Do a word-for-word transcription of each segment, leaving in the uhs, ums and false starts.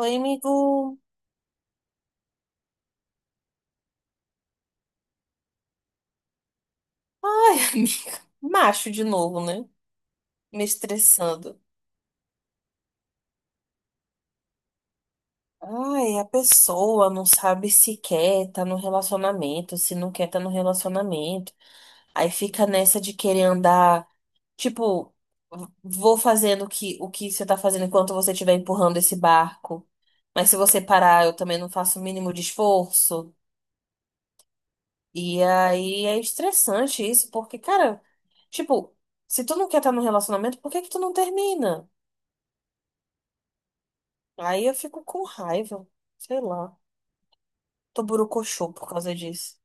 Oi, amigo. Ai, amiga. Macho de novo, né? Me estressando. Ai, a pessoa não sabe se quer tá no relacionamento, se não quer tá no relacionamento. Aí fica nessa de querer andar, tipo, vou fazendo o que, o que você tá fazendo enquanto você estiver empurrando esse barco. Mas se você parar, eu também não faço o mínimo de esforço. E aí é estressante isso, porque, cara, tipo, se tu não quer estar tá no relacionamento, por que que tu não termina? Aí eu fico com raiva, sei lá. Tô borocochô por causa disso.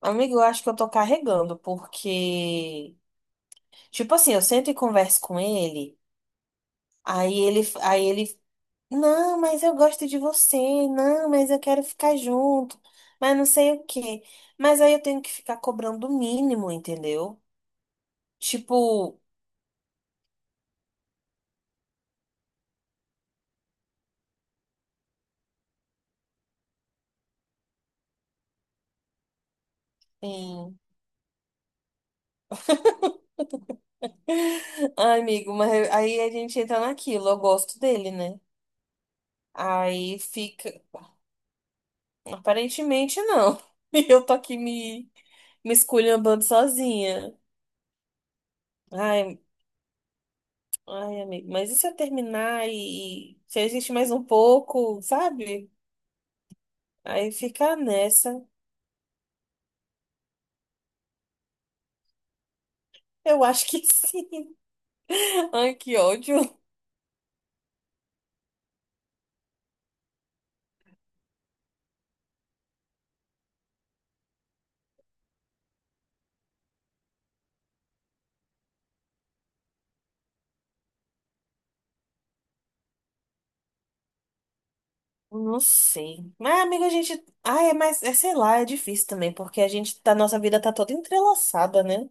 Amigo, eu acho que eu tô carregando, porque, tipo assim, eu sento e converso com ele, aí ele, aí ele, não, mas eu gosto de você, não, mas eu quero ficar junto, mas não sei o quê. Mas aí eu tenho que ficar cobrando o mínimo, entendeu? Tipo, hum. Ai, amigo, mas aí a gente entra naquilo, eu gosto dele, né? Aí fica. Aparentemente não. E eu tô aqui me, me esculhambando sozinha. Ai, ai, amigo, mas e se eu terminar e, e se a gente mais um pouco, sabe? Aí fica nessa. Eu acho que sim. Ai, que ódio. Não sei. Mas, amigo, a gente. Ai, mas é, sei lá, é difícil também, porque a gente, tá- nossa vida tá toda entrelaçada, né?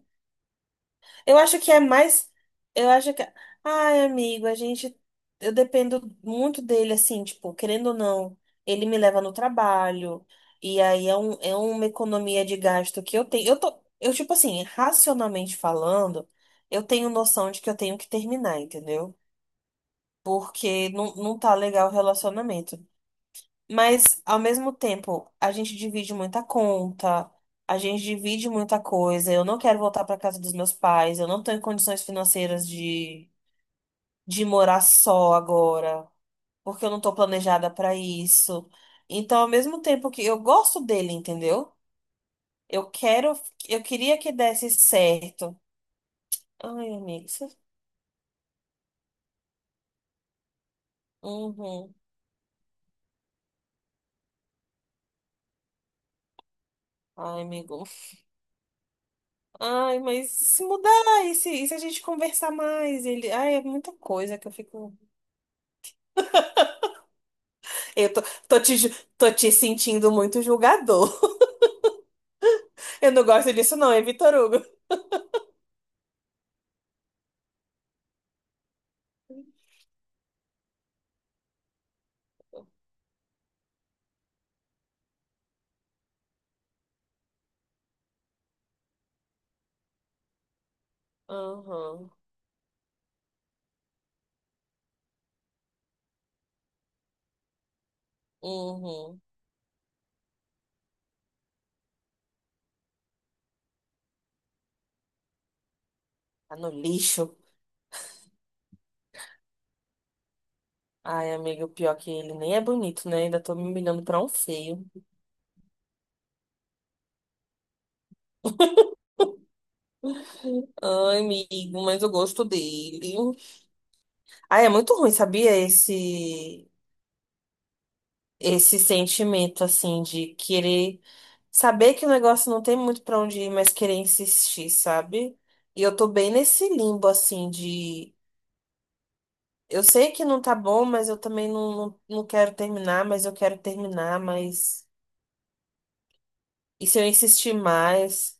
Eu acho que é mais. Eu acho que. Ai, amigo, a gente. Eu dependo muito dele, assim, tipo, querendo ou não, ele me leva no trabalho. E aí é, um, é uma economia de gasto que eu tenho. Eu tô. Eu, tipo assim, racionalmente falando, eu tenho noção de que eu tenho que terminar, entendeu? Porque não, não tá legal o relacionamento. Mas, ao mesmo tempo, a gente divide muita conta, a gente divide muita coisa. Eu não quero voltar para casa dos meus pais, eu não estou em condições financeiras de, de morar só agora, porque eu não estou planejada para isso. Então, ao mesmo tempo que eu gosto dele, entendeu? Eu quero, eu queria que desse certo. Ai, amigo, você... Uhum. Ai, amigo. Ai, mas se mudar, e se, e se a gente conversar mais? Ele... Ai, é muita coisa que eu fico. Eu tô, tô te, ju- tô te sentindo muito julgador. Eu não gosto disso, não, é Vitor Hugo. Uhum, uhum. Tá no lixo. Ai, amigo, pior é que ele nem é bonito, né? Ainda tô me humilhando pra um feio. Ai, amigo, mas eu gosto dele. Ai, é muito ruim, sabia? Esse, esse sentimento, assim, de querer saber que o negócio não tem muito pra onde ir, mas querer insistir, sabe? E eu tô bem nesse limbo, assim, de. Eu sei que não tá bom, mas eu também não, não, não quero terminar, mas eu quero terminar, mas. E se eu insistir mais?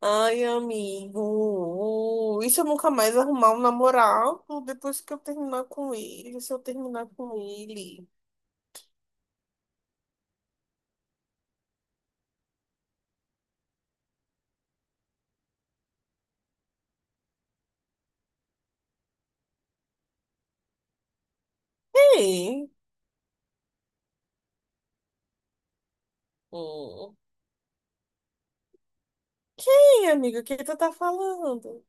Ai, amigo. E se eu nunca mais arrumar um namorado depois que eu terminar com ele? Se eu terminar com ele? Quem? Hum. Quem, amigo? O que tu tá falando?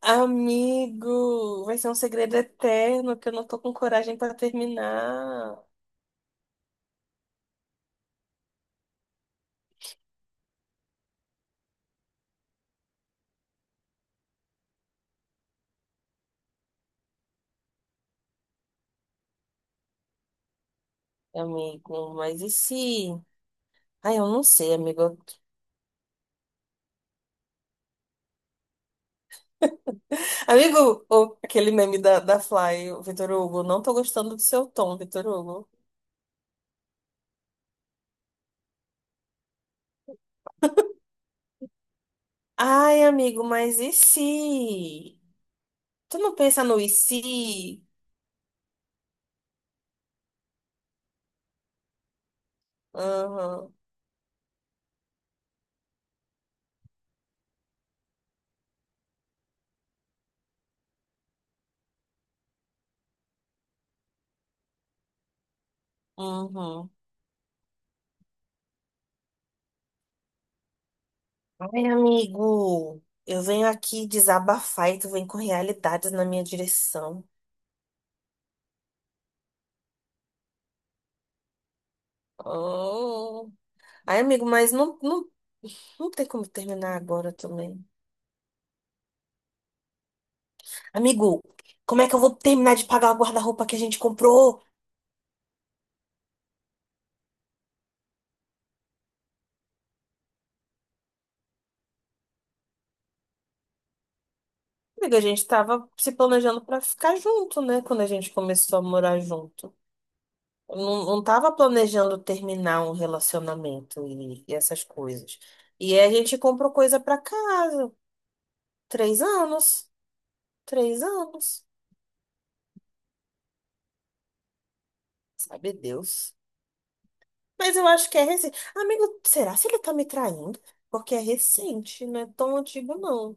Amigo, vai ser um segredo eterno que eu não tô com coragem pra terminar. Amigo, mas e se? Ai, eu não sei, amigo. Amigo, o- aquele meme da, da Fly, o Vitor Hugo, não tô gostando do seu tom, Vitor Hugo. Ai, amigo, mas e se? Tu não pensa no e se? Uhum, uhum. Ai, amigo, eu venho aqui desabafar e tu vem com realidades na minha direção. Oh. Ai, amigo, mas não, não, não tem como terminar agora também. Amigo, como é que eu vou terminar de pagar o guarda-roupa que a gente comprou? Amiga, a gente tava se planejando pra ficar junto, né? Quando a gente começou a morar junto. Eu não, não tava planejando terminar um relacionamento e, e essas coisas. E aí a gente comprou coisa pra casa. Três anos. Três anos. Sabe Deus. Mas eu acho que é recente. Amigo, será se ele tá me traindo? Porque é recente, não é tão antigo, não.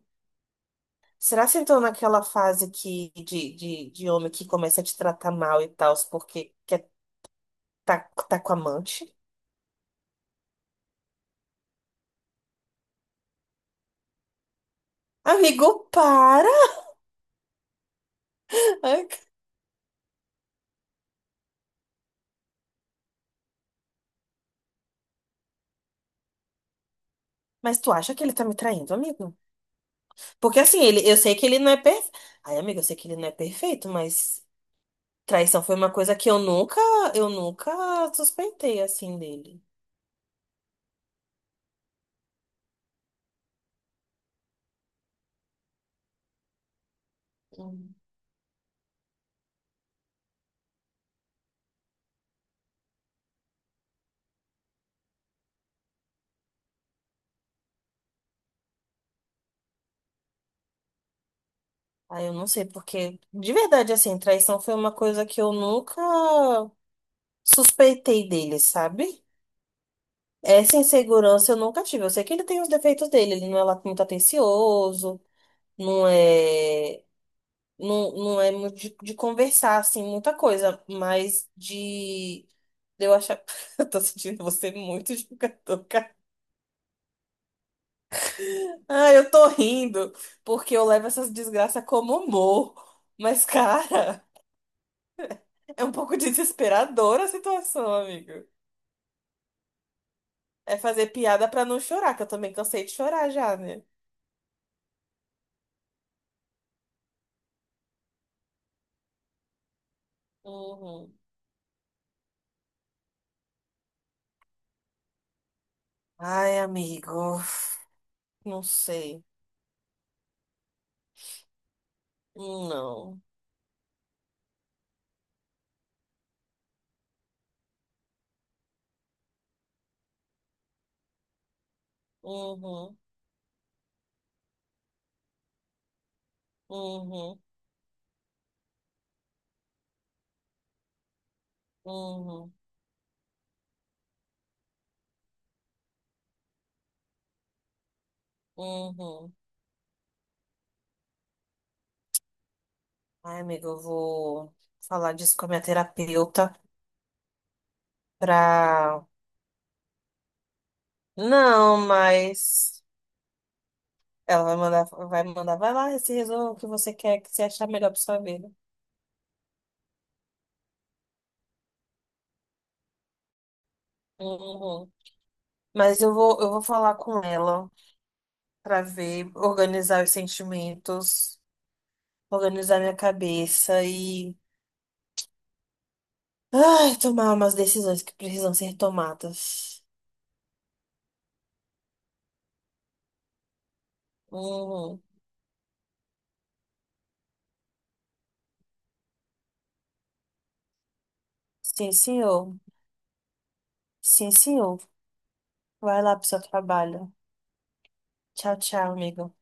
Será se entrou naquela fase que, de, de, de homem que começa a te tratar mal e tal, porque quer tá, tá com amante? Amigo, para! Ai, Mas tu acha que ele tá me traindo, amigo? Porque assim, ele, eu sei que ele não é perfeito. Ai, amigo, eu sei que ele não é perfeito, mas traição foi uma coisa que eu nunca, eu nunca suspeitei assim dele. Hum. Ai, eu não sei porque, de verdade, assim, traição foi uma coisa que eu nunca suspeitei dele, sabe? Essa insegurança eu nunca tive. Eu sei que ele tem os defeitos dele, ele não é lá muito atencioso, não é. não, não é muito de, de conversar, assim, muita coisa, mas de, de eu achar. Eu tô sentindo você muito jogador, cara. Ah, eu tô rindo, porque eu levo essas desgraças como humor. Mas, cara, é um pouco desesperadora a situação, amigo. É fazer piada pra não chorar, que eu também cansei de chorar já, né? Uhum. Ai, amigo, não sei. Não. Uhum, uhum, uhum, uhum, uhum. Ai, amiga, eu vou falar disso com a minha terapeuta pra. Não, mas ela vai mandar, vai mandar, vai lá, se resolva o que você quer, que você achar melhor pra sua vida. Uhum. Mas eu vou, eu vou falar com ela pra ver, organizar os sentimentos, organizar minha cabeça e, ai, tomar umas decisões que precisam ser tomadas. Uhum. Sim, senhor. Sim, senhor. Vai lá pro seu trabalho. Tchau, tchau, amigo.